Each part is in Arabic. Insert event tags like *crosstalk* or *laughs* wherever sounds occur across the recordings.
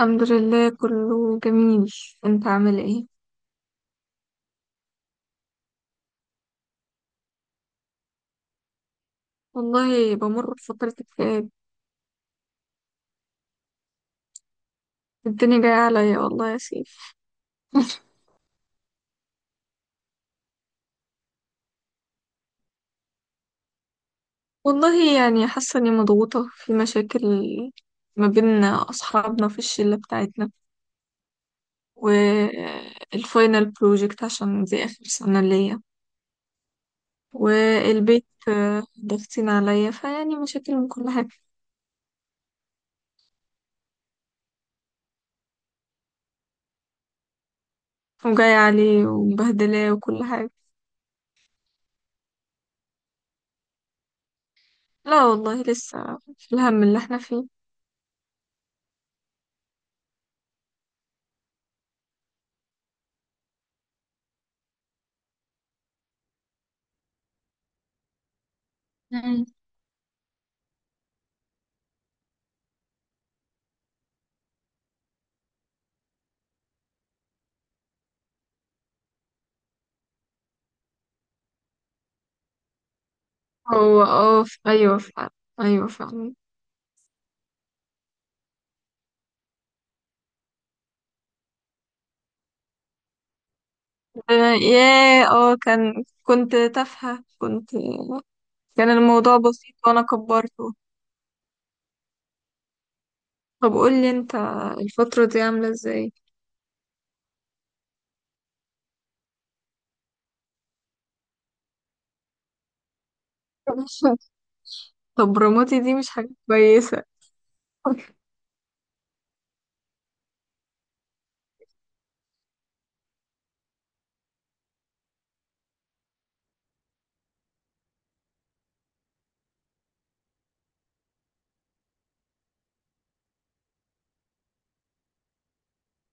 الحمد لله، كله جميل. انت عامل ايه؟ والله بمر بفترة اكتئاب. الدنيا جاية عليا والله يا سيف. *laughs* والله يعني حاسة اني مضغوطة في مشاكل ما بين اصحابنا في الشلة بتاعتنا، والفاينل بروجكت عشان دي اخر سنة ليا، والبيت ضاغطين عليا فيعني مشاكل من كل حاجة، وجاية عليه ومبهدلاه وكل حاجة. لا والله، لسه في الهم اللي احنا فيه. هو ايوه فعلا، ايوه فعلا. آه، ياه، اه كان كنت تافهة كنت كان الموضوع بسيط وانا كبرته. طب قولي انت، الفترة دي عاملة ازاي؟ *laughs* طب رموتي دي مش حاجة كويسة. *laughs*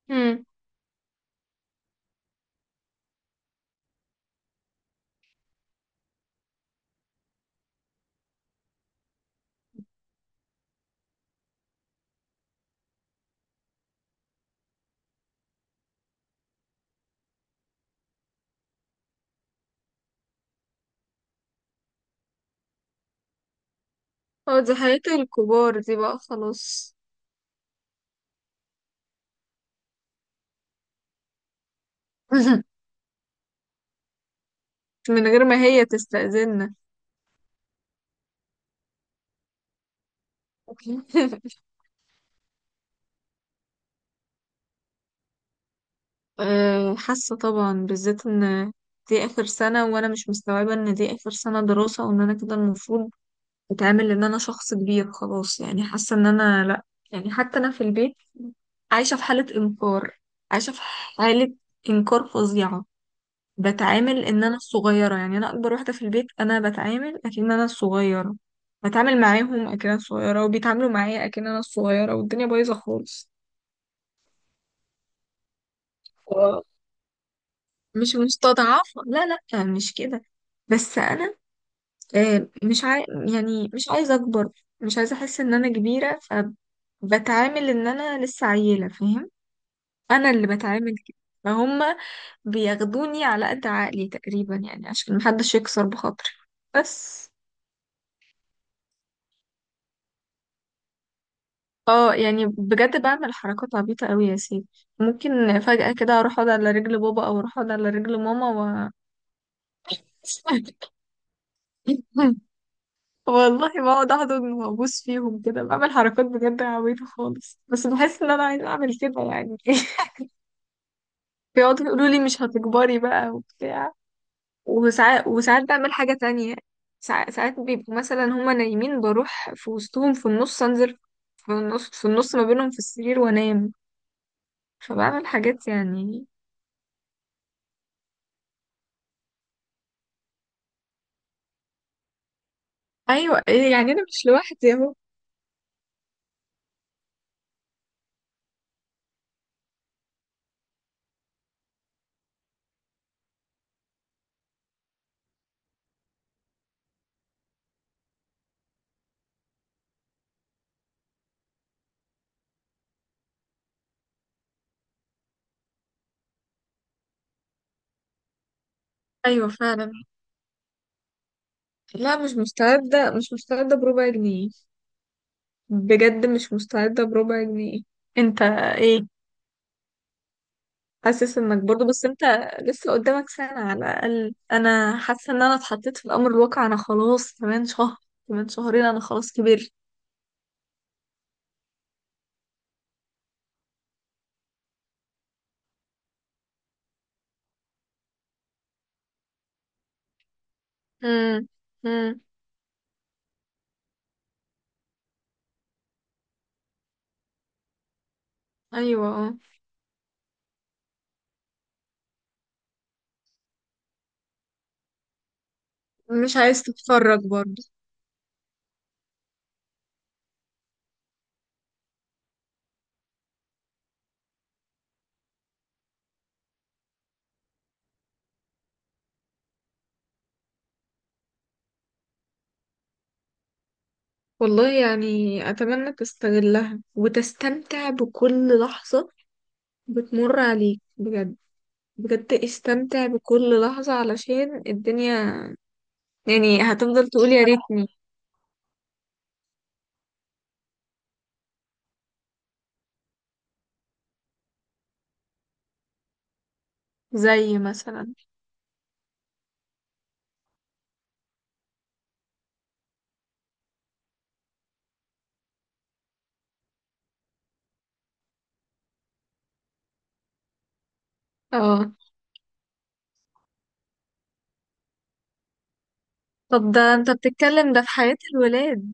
مم. اه، دي حياة الكبار دي بقى خلاص. *laughs* من غير ما هي تستأذننا. *laughs* حاسة طبعا، بالذات ان دي اخر سنة وانا مش مستوعبة ان دي اخر سنة دراسة، وان انا كده المفروض اتعامل ان انا شخص كبير خلاص، يعني حاسه ان انا لا. يعني حتى انا في البيت عايشه في حاله انكار، عايشه في حاله انكار فظيعه. بتعامل ان انا الصغيره، يعني انا اكبر واحده في البيت انا بتعامل اكن انا الصغيره. بتعامل معاهم اكن انا الصغيره، وبيتعاملوا معايا اكن انا الصغيره، والدنيا بايظه خالص. واو. مش مستضعفه، لا. لا مش كده، بس انا آه، مش عاي... يعني مش عايزه اكبر، مش عايزه احس ان انا كبيره، فبتعامل ان انا لسه عيله، فاهم؟ انا اللي بتعامل كده، فهم. بياخدوني على قد عقلي تقريبا يعني، عشان محدش يكسر بخاطري بس. اه يعني بجد بعمل حركات عبيطة قوي يا سيدي. ممكن فجأة كده اروح اقعد على رجل بابا، او اروح اقعد على رجل ماما و... *laughs* والله بقعد احضن وابوس فيهم كده، بعمل حركات بجد عبيطة خالص، بس بحس ان انا عايزة اعمل كده يعني. *laughs* بيقعدوا يقولوا لي مش هتكبري بقى وبتاع. وساعات بعمل حاجة تانية. ساعات بيبقوا مثلا هما نايمين، بروح في وسطهم في النص، انزل في النص ما بينهم في السرير وانام. فبعمل حاجات يعني. ايوه يعني انا مش لوحدي اهو. ايوه فعلا. لا مش مستعدة، مش مستعدة بربع جنيه. بجد مش مستعدة بربع جنيه. انت ايه؟ حاسس انك برضو، بس انت لسه قدامك سنة على الأقل. انا حاسة ان انا اتحطيت في الامر الواقع، انا خلاص كمان شهر، كمان شهرين انا خلاص كبرت. امم. امم. ايوه، مش عايز تتفرج برضه. والله يعني، اتمنى تستغلها وتستمتع بكل لحظة بتمر عليك بجد، بجد استمتع بكل لحظة علشان الدنيا يعني هتفضل تقول يا ريتني. زي مثلا؟ اه، طب ده انت بتتكلم ده في حياة الولاد.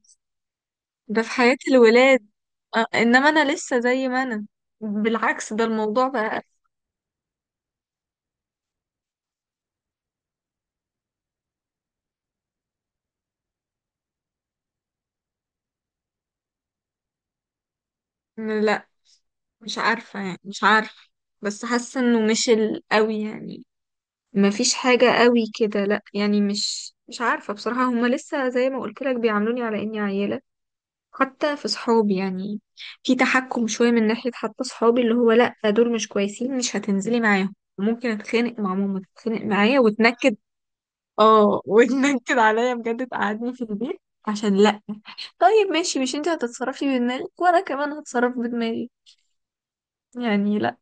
ده في حياة الولاد، انما انا لسه زي ما انا، بالعكس ده الموضوع بقى. لا، مش عارفة يعني مش عارفة، بس حاسة انه مش قوي يعني، ما فيش حاجة قوي كده. لا يعني مش عارفة بصراحة. هما لسه زي ما قلت لك بيعاملوني على اني عيلة، حتى في صحابي يعني في تحكم شوية من ناحية، حتى صحابي اللي هو لا دول مش كويسين، مش هتنزلي معاهم. ممكن اتخانق مع ماما، تتخانق معايا وتنكد. اه. *laughs* وتنكد عليا بجد، تقعدني في البيت عشان لا، طيب ماشي مش انت هتتصرفي بدماغك وانا كمان هتصرف بدماغي يعني لا.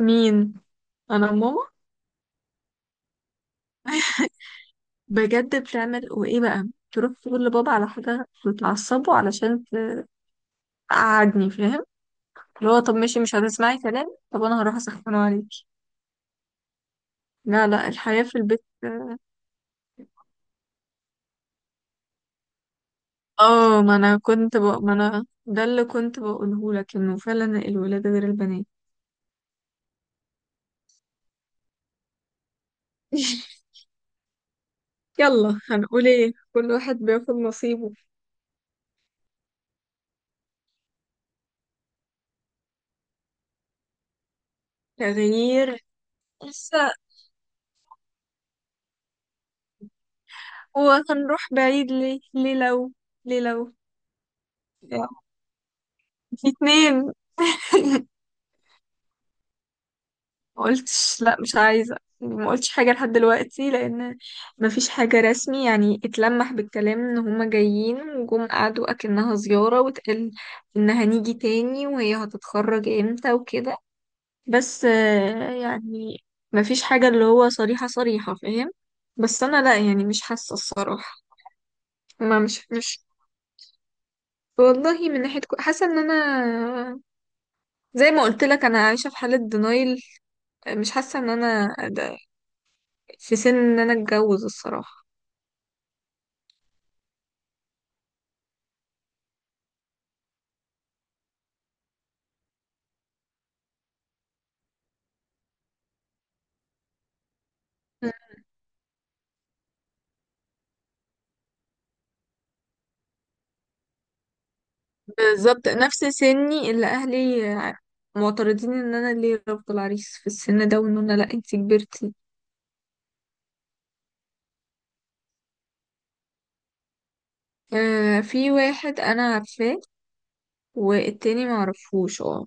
مين؟ انا ماما. بجد بتعمل، وايه بقى، تروح تقول لبابا على حاجه بتعصبه علشان تقعدني، فاهم؟ اللي هو طب ماشي مش هتسمعي كلام، طب انا هروح اسخنه عليكي. لا لا، الحياه في البيت. اه، ما انا ده اللي كنت بقوله لك انه فعلا الولاد غير البنات. *laughs* يلا هنقول ايه، كل واحد بياخد نصيبه. تغيير؟ لسه. وهنروح بعيد ليه؟ ليه لو يعني، في اتنين. *laughs* ما قلتش، لا مش عايزة يعني، ما قلتش حاجة لحد دلوقتي، لأن ما فيش حاجة رسمي يعني. اتلمح بالكلام إن هما جايين، وجم قعدوا أكنها زيارة، واتقال إن هنيجي تاني وهي هتتخرج إمتى وكده. بس يعني ما فيش حاجة اللي هو صريحة صريحة، فاهم؟ بس أنا لا يعني، مش حاسة الصراحة. ما مش مش والله من ناحية حاسة إن أنا زي ما قلت لك أنا عايشة في حالة دينايل، مش حاسة إن أنا في سن ان انا اتجوز الصراحة. بالظبط نفس سني اللي اهلي معترضين ان انا ليه رفض العريس في السن ده، وان انا لا انتي كبرتي. آه، في واحد انا عارفاه، والتاني معرفهوش، اه.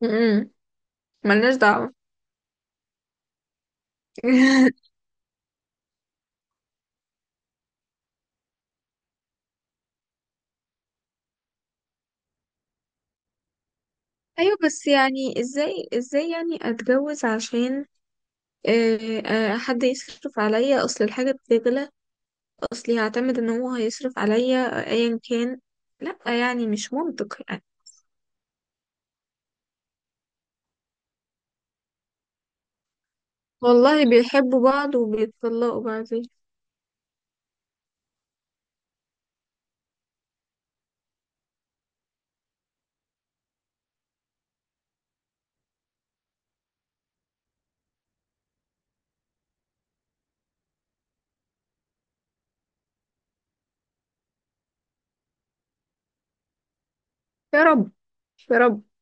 م-م. ملناش دعوة. *laughs* ايوه بس يعني، ازاي ازاي يعني اتجوز عشان حد يصرف عليا؟ اصل الحاجة بتغلى؟ اصلي هعتمد ان هو هيصرف عليا ايا كان؟ لا يعني مش منطق. والله بيحبوا بعض وبيتطلقوا بعدين. يا رب، يا رب.